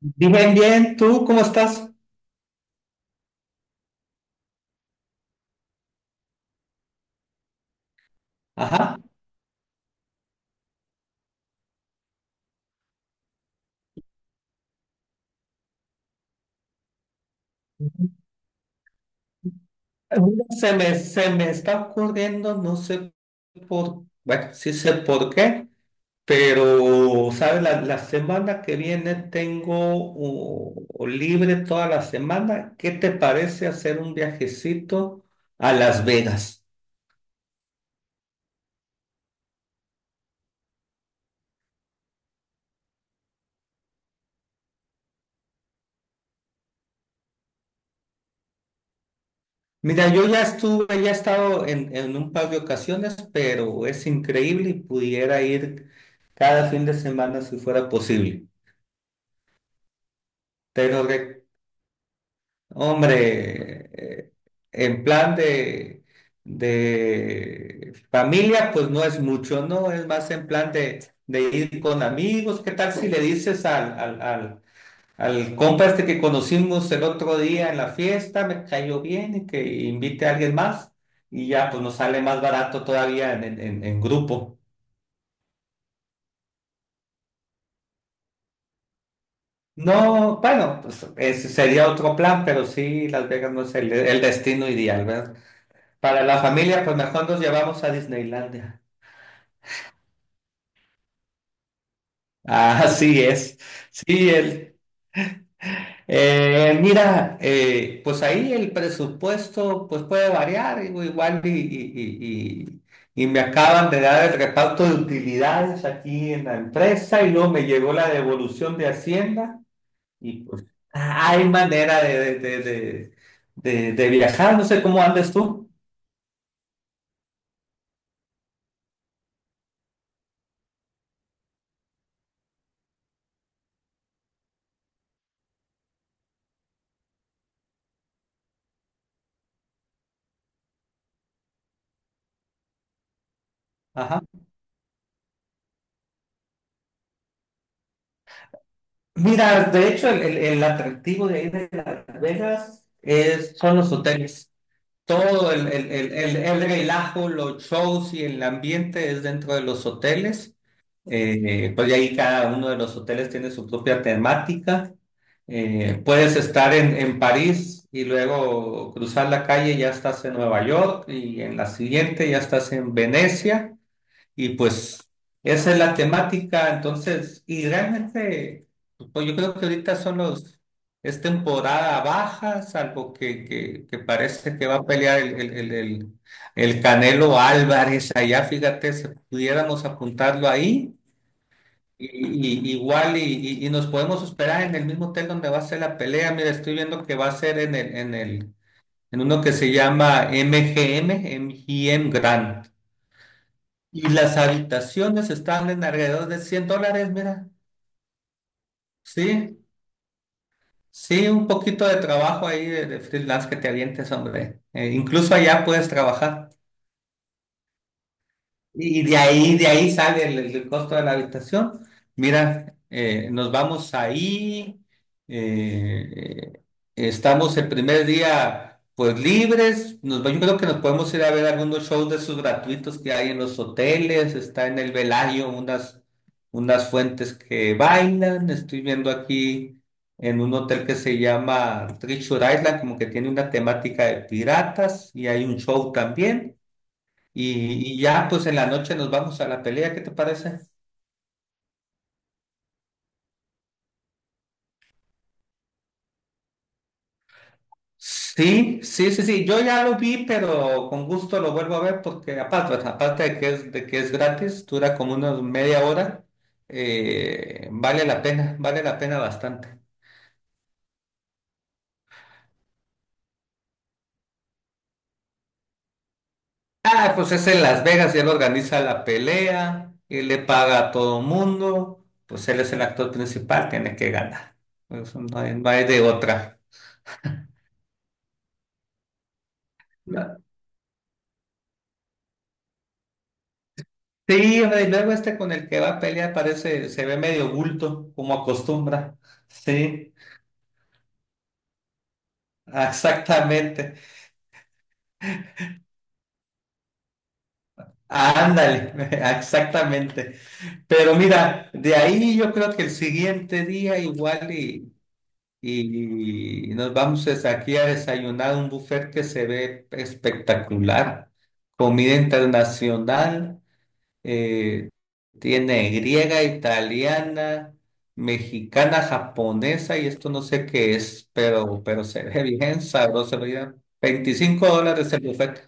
Bien, bien, ¿tú cómo estás? Ajá. Mira, se me, se me está ocurriendo, no sé por, bueno, sí sé por qué, pero, ¿sabes? La semana que viene tengo libre toda la semana. ¿Qué te parece hacer un viajecito a Las Vegas? Mira, yo ya estuve, ya he estado en un par de ocasiones, pero es increíble y pudiera ir cada fin de semana si fuera posible. Pero hombre, en plan de familia, pues no es mucho, ¿no? Es más en plan de ir con amigos. ¿Qué tal si le dices al compa este que conocimos el otro día en la fiesta, me cayó bien y que invite a alguien más? Y ya, pues nos sale más barato todavía en grupo. No, bueno, pues ese sería otro plan, pero sí, Las Vegas no es el destino ideal, ¿verdad? Para la familia, pues mejor nos llevamos a Disneylandia. Así es. Sí, el, mira, pues ahí el presupuesto pues puede variar, digo, igual y- y y me acaban de dar el reparto de utilidades aquí en la empresa y luego me llegó la devolución de Hacienda y pues hay manera de, de viajar, no sé cómo andes tú. Ajá. Mira, de hecho, el, el atractivo de ahí de Las Vegas es, son los hoteles. Todo el relajo, los shows y el ambiente es dentro de los hoteles. Pues de ahí cada uno de los hoteles tiene su propia temática. Puedes estar en París y luego cruzar la calle, ya estás en Nueva York y en la siguiente ya estás en Venecia. Y pues esa es la temática, entonces, y realmente, pues yo creo que ahorita son los, es temporada baja, salvo que parece que va a pelear el, el Canelo Álvarez allá, fíjate, si pudiéramos apuntarlo ahí, y, y nos podemos esperar en el mismo hotel donde va a ser la pelea, mira, estoy viendo que va a ser en el, en el, en uno que se llama MGM, MGM Grand. Y las habitaciones están en alrededor de $100, mira. Sí, sí, un poquito de trabajo ahí de freelance que te avientes, hombre. Incluso allá puedes trabajar. Y de ahí sale el costo de la habitación. Mira, nos vamos ahí, eh, estamos el primer día pues libres, nos, va- yo creo que nos podemos ir a ver algunos shows de esos gratuitos que hay en los hoteles, está en el Velayo unas, unas fuentes que bailan, estoy viendo aquí en un hotel que se llama Treasure Island, como que tiene una temática de piratas y hay un show también. Y ya, pues en la noche nos vamos a la pelea, ¿qué te parece? Sí, sí, sí, sí, yo ya lo vi, pero con gusto lo vuelvo a ver porque aparte, aparte de que es gratis, dura como una media hora, vale la pena bastante. Ah, pues es en Las Vegas y él organiza la pelea, y le paga a todo mundo, pues él es el actor principal, tiene que ganar. Pues no hay, no hay de otra. Sí, hombre, y luego este con el que va a pelear parece, se ve medio bulto, como acostumbra. Sí, exactamente. Ándale, exactamente. Pero mira, de ahí yo creo que el siguiente día igual y nos vamos es aquí a desayunar a un buffet que se ve espectacular. Comida internacional. Eh, tiene griega, italiana, mexicana, japonesa y esto no sé qué es, pero se ve bien sabroso, ya $25 el buffet.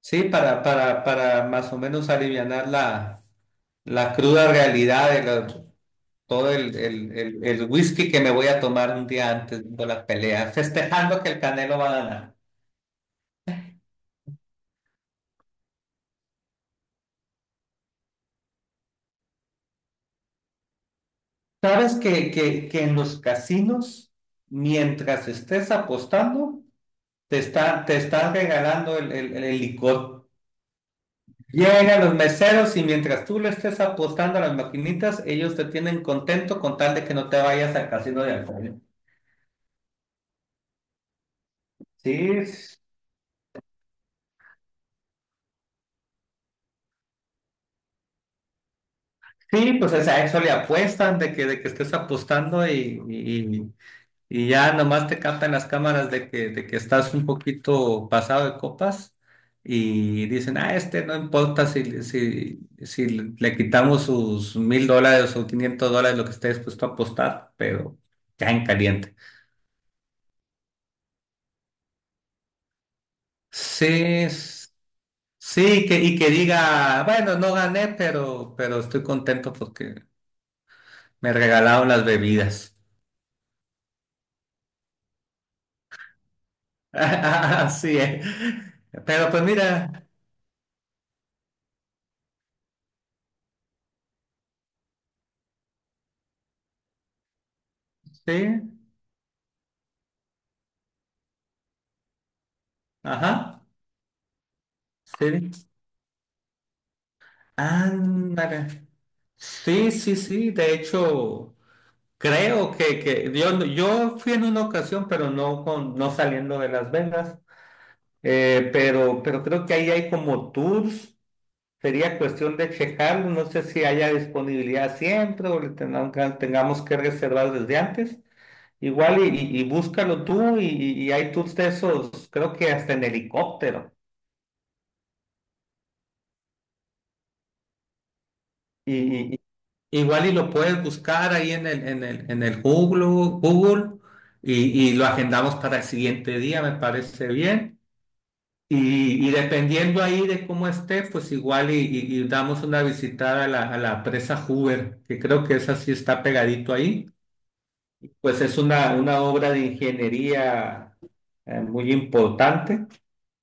Sí, para más o menos alivianar la, la cruda realidad de la- todo el whisky que me voy a tomar un día antes de la pelea, festejando que el Canelo va a ganar. ¿Sabes que en los casinos, mientras estés apostando, te está, te están regalando el, el licor? Llegan los meseros y mientras tú le estés apostando a las maquinitas, ellos te tienen contento con tal de que no te vayas al casino de alcohol. Sí, sí, pues o sea, a eso le apuestan de que estés apostando y ya nomás te captan las cámaras de que estás un poquito pasado de copas y dicen, ah, este no importa si le quitamos sus $1,000 o $500, lo que esté dispuesto a apostar, pero ya en caliente. Sí, s- sí, que, y que diga, bueno, no gané, pero estoy contento porque me regalaron las bebidas. Así es. Pero pues mira, sí, ajá, sí. Ándale. Sí, sí, sí. De hecho, creo que, yo, no, yo fui en una ocasión, pero no, con, no saliendo de Las Vegas. Pero creo que ahí hay como tours. Sería cuestión de checarlo. No sé si haya disponibilidad siempre o le tengan- que- tengamos que reservar desde antes. Igual y búscalo tú y hay tours de esos, creo que hasta en helicóptero. Y, igual y lo puedes buscar ahí en el, en el, en el Google, Google y lo agendamos para el siguiente día, me parece bien. Y dependiendo ahí de cómo esté, pues igual y damos una visitada a la presa Hoover, que creo que esa sí está pegadito ahí. Pues es una obra de ingeniería muy importante.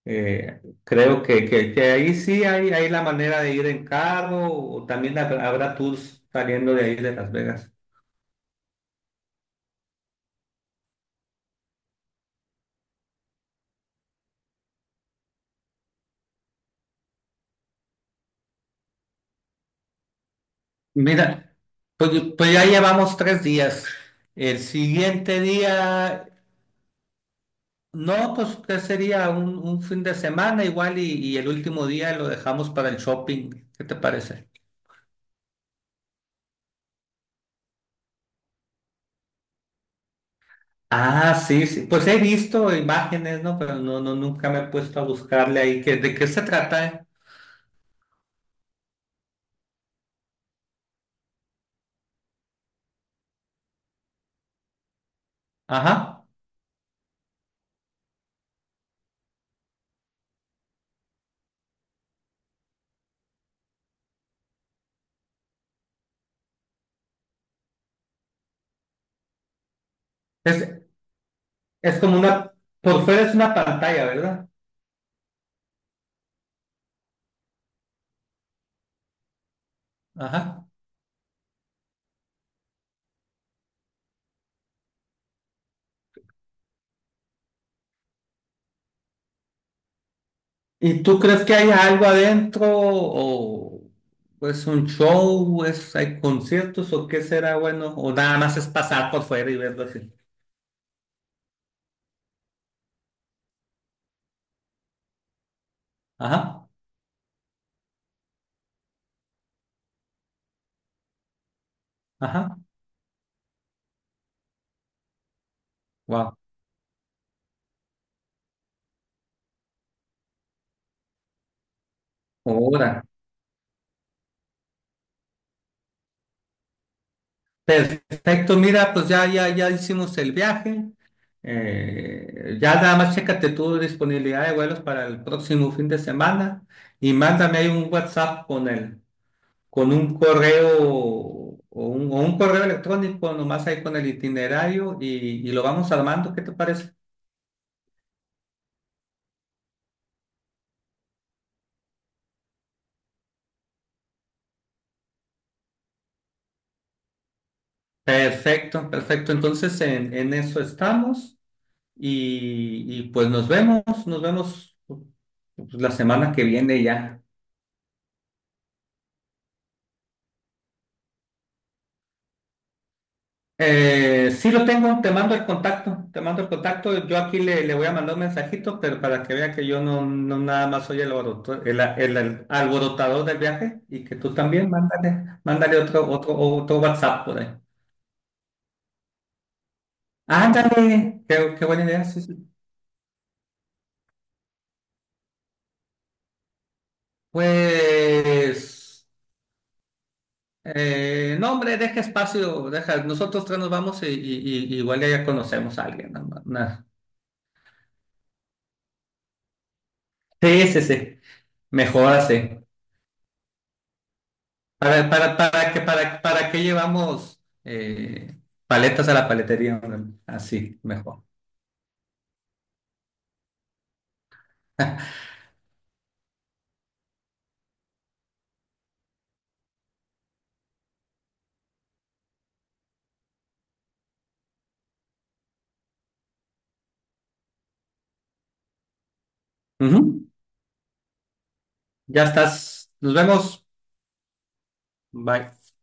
Creo que ahí sí hay la manera de ir en carro o también habrá tours saliendo de ahí de Las Vegas. Mira, pues, pues ya llevamos 3 días. El siguiente día, no, pues ¿qué sería? Un fin de semana igual y el último día lo dejamos para el shopping. ¿Qué te parece? Ah, sí, sí. Pues he visto imágenes, ¿no? Pero no, no, nunca me he puesto a buscarle ahí que, de qué se trata, ¿eh? Ajá. Es, es como una, por fuera es una pantalla, ¿verdad? Ajá. ¿Y tú crees que hay algo adentro o es un show, es, hay conciertos o qué será bueno? O nada más es pasar por fuera y verlo así. Ajá, ajá, wow. Ahora, perfecto, mira, pues ya, ya, ya hicimos el viaje. Ya nada más chécate tu disponibilidad de vuelos para el próximo fin de semana y mándame ahí un WhatsApp con el, con un correo o un correo electrónico, nomás ahí con el itinerario y lo vamos armando, ¿qué te parece? Perfecto, perfecto. Entonces en eso estamos y pues nos vemos pues, la semana que viene ya. Sí lo tengo, te mando el contacto, te mando el contacto. Yo aquí le, le voy a mandar un mensajito, pero para que vea que yo no, no nada más soy el, alboroto- el, el alborotador del viaje y que tú también mándale, mándale otro, otro WhatsApp por ahí. Ándale, qué, qué buena idea. Sí, sí. Pues, no, hombre, deja espacio, deja, nosotros tres nos vamos y, igual ya conocemos a alguien. ¿No? Una- sí, sí, sí, mejor así. Para, que, para, ¿para qué llevamos paletas a la paletería, hombre? Así, mejor. Ujú. Ya estás. Nos vemos. Bye.